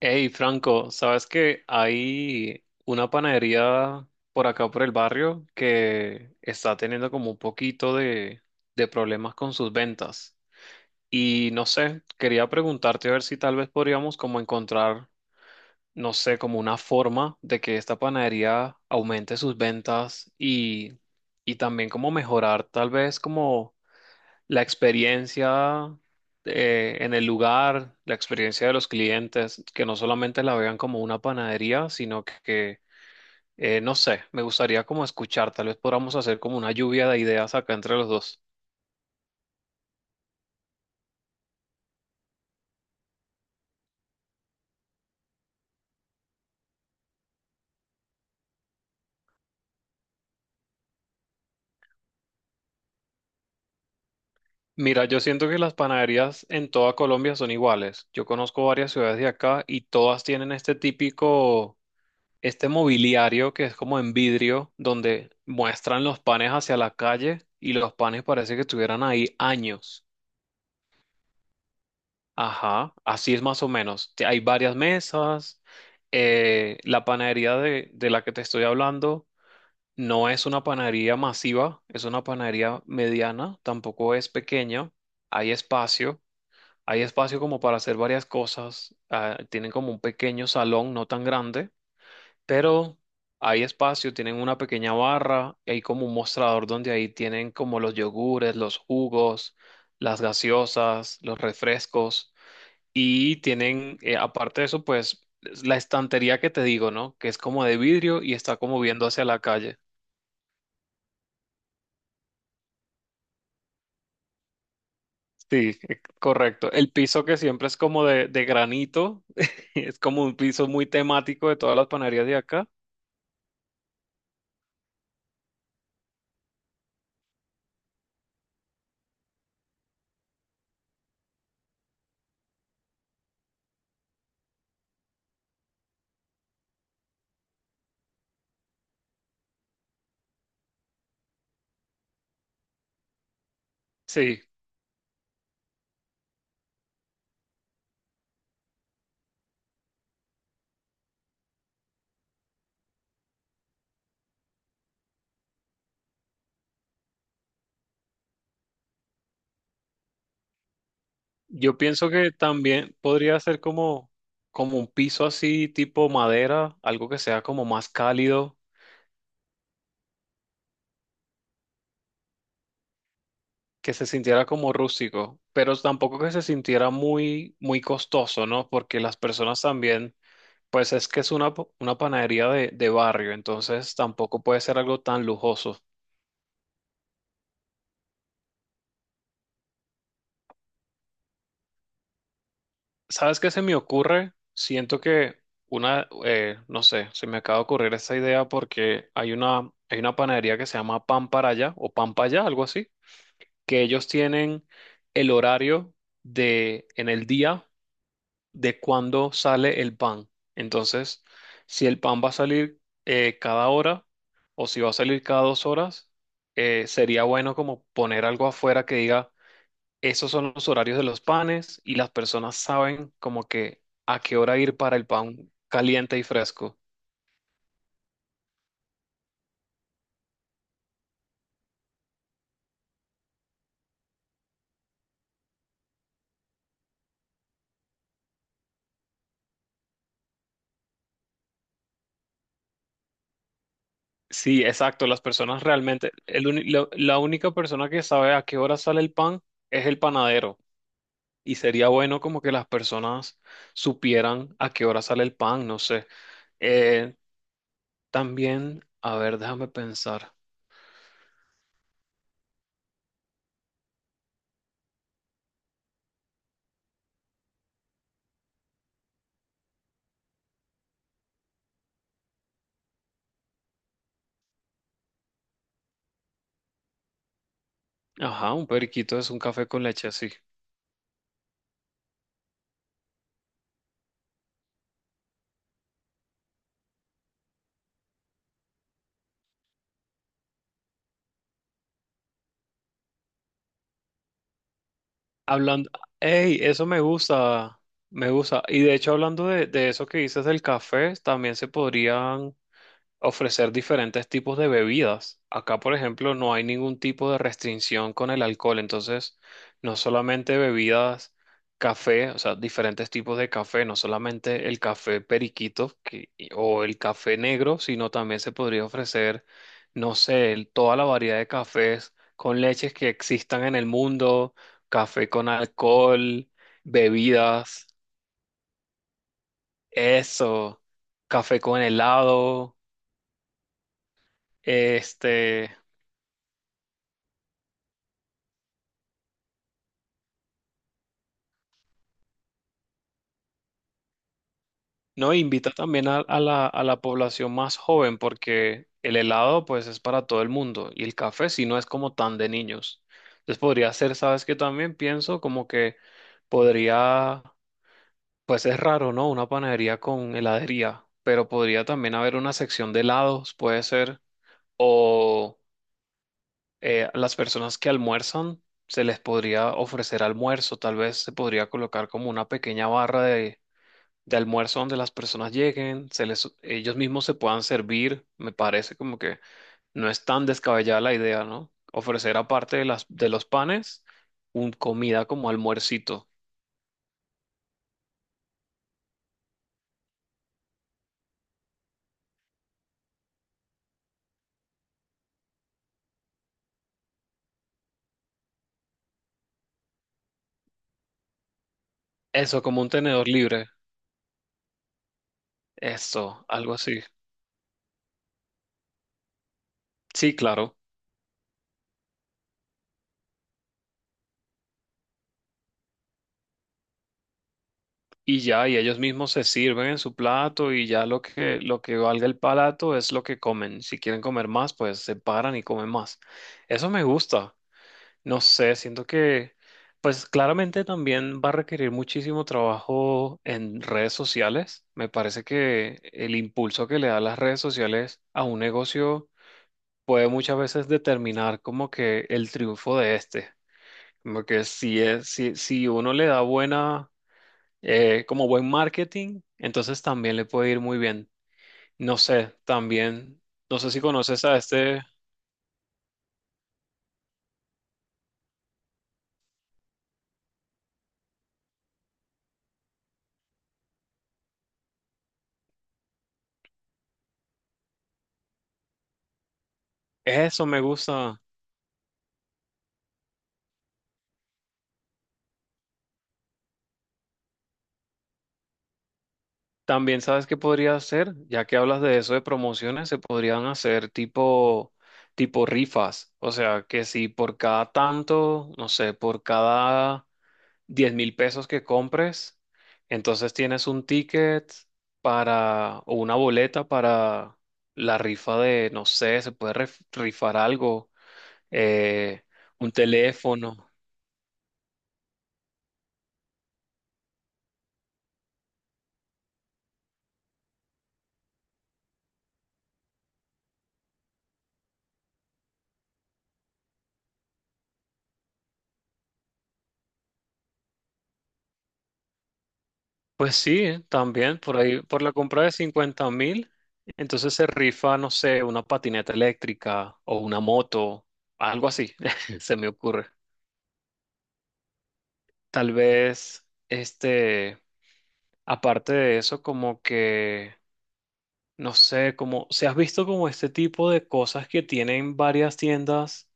Hey Franco, ¿sabes que hay una panadería por acá por el barrio que está teniendo como un poquito de problemas con sus ventas? Y no sé, quería preguntarte a ver si tal vez podríamos como encontrar, no sé, como una forma de que esta panadería aumente sus ventas y también como mejorar tal vez como la experiencia en el lugar, la experiencia de los clientes, que no solamente la vean como una panadería, sino que, no sé, me gustaría como escuchar, tal vez podamos hacer como una lluvia de ideas acá entre los dos. Mira, yo siento que las panaderías en toda Colombia son iguales. Yo conozco varias ciudades de acá y todas tienen este típico, este mobiliario que es como en vidrio, donde muestran los panes hacia la calle y los panes parece que estuvieran ahí años. Ajá, así es más o menos. Hay varias mesas. La panadería de la que te estoy hablando no es una panadería masiva, es una panadería mediana, tampoco es pequeña. Hay espacio, hay espacio como para hacer varias cosas. Tienen como un pequeño salón, no tan grande, pero hay espacio, tienen una pequeña barra, hay como un mostrador donde ahí tienen como los yogures, los jugos, las gaseosas, los refrescos. Y tienen, aparte de eso, pues la estantería que te digo, ¿no? Que es como de vidrio y está como viendo hacia la calle. Sí, correcto. El piso que siempre es como de, granito, es como un piso muy temático de todas las panaderías de acá. Sí, yo pienso que también podría ser como un piso así tipo madera, algo que sea como más cálido, que se sintiera como rústico, pero tampoco que se sintiera muy, muy costoso, ¿no? Porque las personas también. Pues es que es una panadería de barrio, entonces tampoco puede ser algo tan lujoso. ¿Sabes qué se me ocurre? Siento que no sé, se me acaba de ocurrir esa idea porque hay una panadería que se llama Pan para allá o Pan para allá, algo así, que ellos tienen el horario de en el día, de cuándo sale el pan. Entonces, si el pan va a salir, cada hora o si va a salir cada dos horas, sería bueno como poner algo afuera que diga, esos son los horarios de los panes y las personas saben como que a qué hora ir para el pan caliente y fresco. Sí, exacto, las personas realmente, la única persona que sabe a qué hora sale el pan es el panadero. Y sería bueno como que las personas supieran a qué hora sale el pan, no sé. Eh, también, a ver, déjame pensar. Ajá, un periquito es un café con leche, así. Hablando, hey Eso me gusta, me gusta. Y de hecho, hablando de eso que dices del café, también se podrían ofrecer diferentes tipos de bebidas. Acá, por ejemplo, no hay ningún tipo de restricción con el alcohol, entonces no solamente bebidas, café, o sea, diferentes tipos de café, no solamente el café periquito o el café negro, sino también se podría ofrecer, no sé, toda la variedad de cafés con leches que existan en el mundo, café con alcohol, bebidas, eso, café con helado. Este, No, invita también a, a la población más joven porque el helado pues es para todo el mundo y el café si no es como tan de niños. Entonces podría ser, sabes que también pienso como que podría, pues es raro, ¿no? Una panadería con heladería, pero podría también haber una sección de helados, puede ser, o las personas que almuerzan, se les podría ofrecer almuerzo, tal vez se podría colocar como una pequeña barra de almuerzo donde las personas lleguen, se les, ellos mismos se puedan servir. Me parece como que no es tan descabellada la idea, ¿no? Ofrecer aparte de las, de los panes, un comida como almuercito. Eso, como un tenedor libre. Eso, algo así. Sí, claro. Y ya, y ellos mismos se sirven en su plato y ya lo que valga el palato es lo que comen. Si quieren comer más, pues se paran y comen más. Eso me gusta. No sé, siento que, pues claramente también va a requerir muchísimo trabajo en redes sociales. Me parece que el impulso que le da las redes sociales a un negocio puede muchas veces determinar como que el triunfo de este. Como que si es, si, si uno le da buena, como buen marketing, entonces también le puede ir muy bien. No sé, también, no sé si conoces a este. Eso me gusta. También sabes qué podría hacer, ya que hablas de eso de promociones, se podrían hacer tipo rifas. O sea, que si por cada tanto, no sé, por cada 10.000 pesos que compres, entonces tienes un ticket para, o una boleta para la rifa de, no sé, se puede rifar algo, eh, un teléfono. Pues sí, también por ahí, por la compra de 50.000, entonces se rifa, no sé, una patineta eléctrica o una moto, algo así, se me ocurre. Tal vez, este, aparte de eso, como que, no sé, como, ¿se has visto como este tipo de cosas que tienen varias tiendas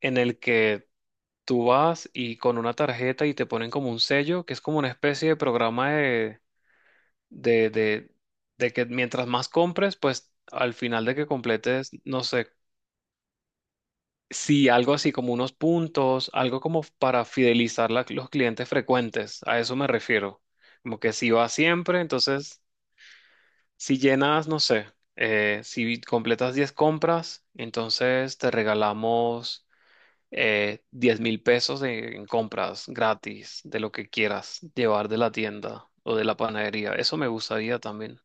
en el que tú vas y con una tarjeta y te ponen como un sello, que es como una especie de programa de, de, de que mientras más compres, pues al final de que completes, no sé, sí, algo así como unos puntos, algo como para fidelizar los clientes frecuentes, a eso me refiero. Como que si vas siempre, entonces si llenas, no sé, si completas 10 compras, entonces te regalamos... 10 mil pesos en compras gratis de lo que quieras llevar de la tienda o de la panadería. Eso me gustaría también.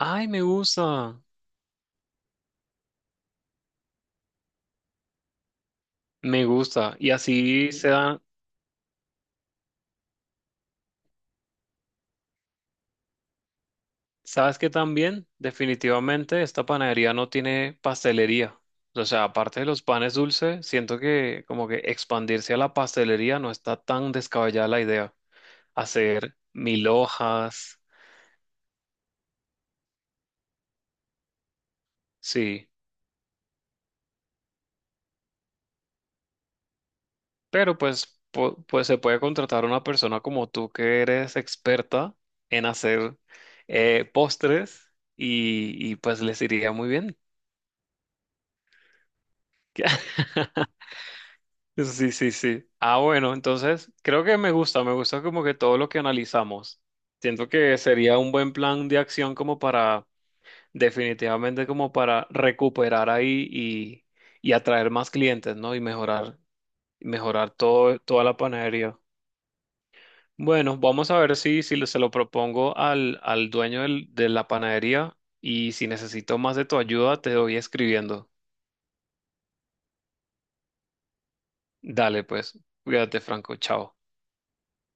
Ay, me gusta. Me gusta. Y así se dan. ¿Sabes qué también? Definitivamente esta panadería no tiene pastelería. O sea, aparte de los panes dulces, siento que como que expandirse a la pastelería no está tan descabellada la idea. Hacer mil hojas, sí. Pero pues, pues se puede contratar a una persona como tú que eres experta en hacer, postres, y pues les iría muy bien. Sí, sí, sí. Ah, bueno, entonces creo que me gusta como que todo lo que analizamos. Siento que sería un buen plan de acción como para, definitivamente como para recuperar ahí y atraer más clientes, ¿no? Y mejorar, todo, toda la panadería. Bueno, vamos a ver si se lo propongo al dueño de la panadería y si necesito más de tu ayuda, te doy escribiendo. Dale, pues, cuídate, Franco, chao.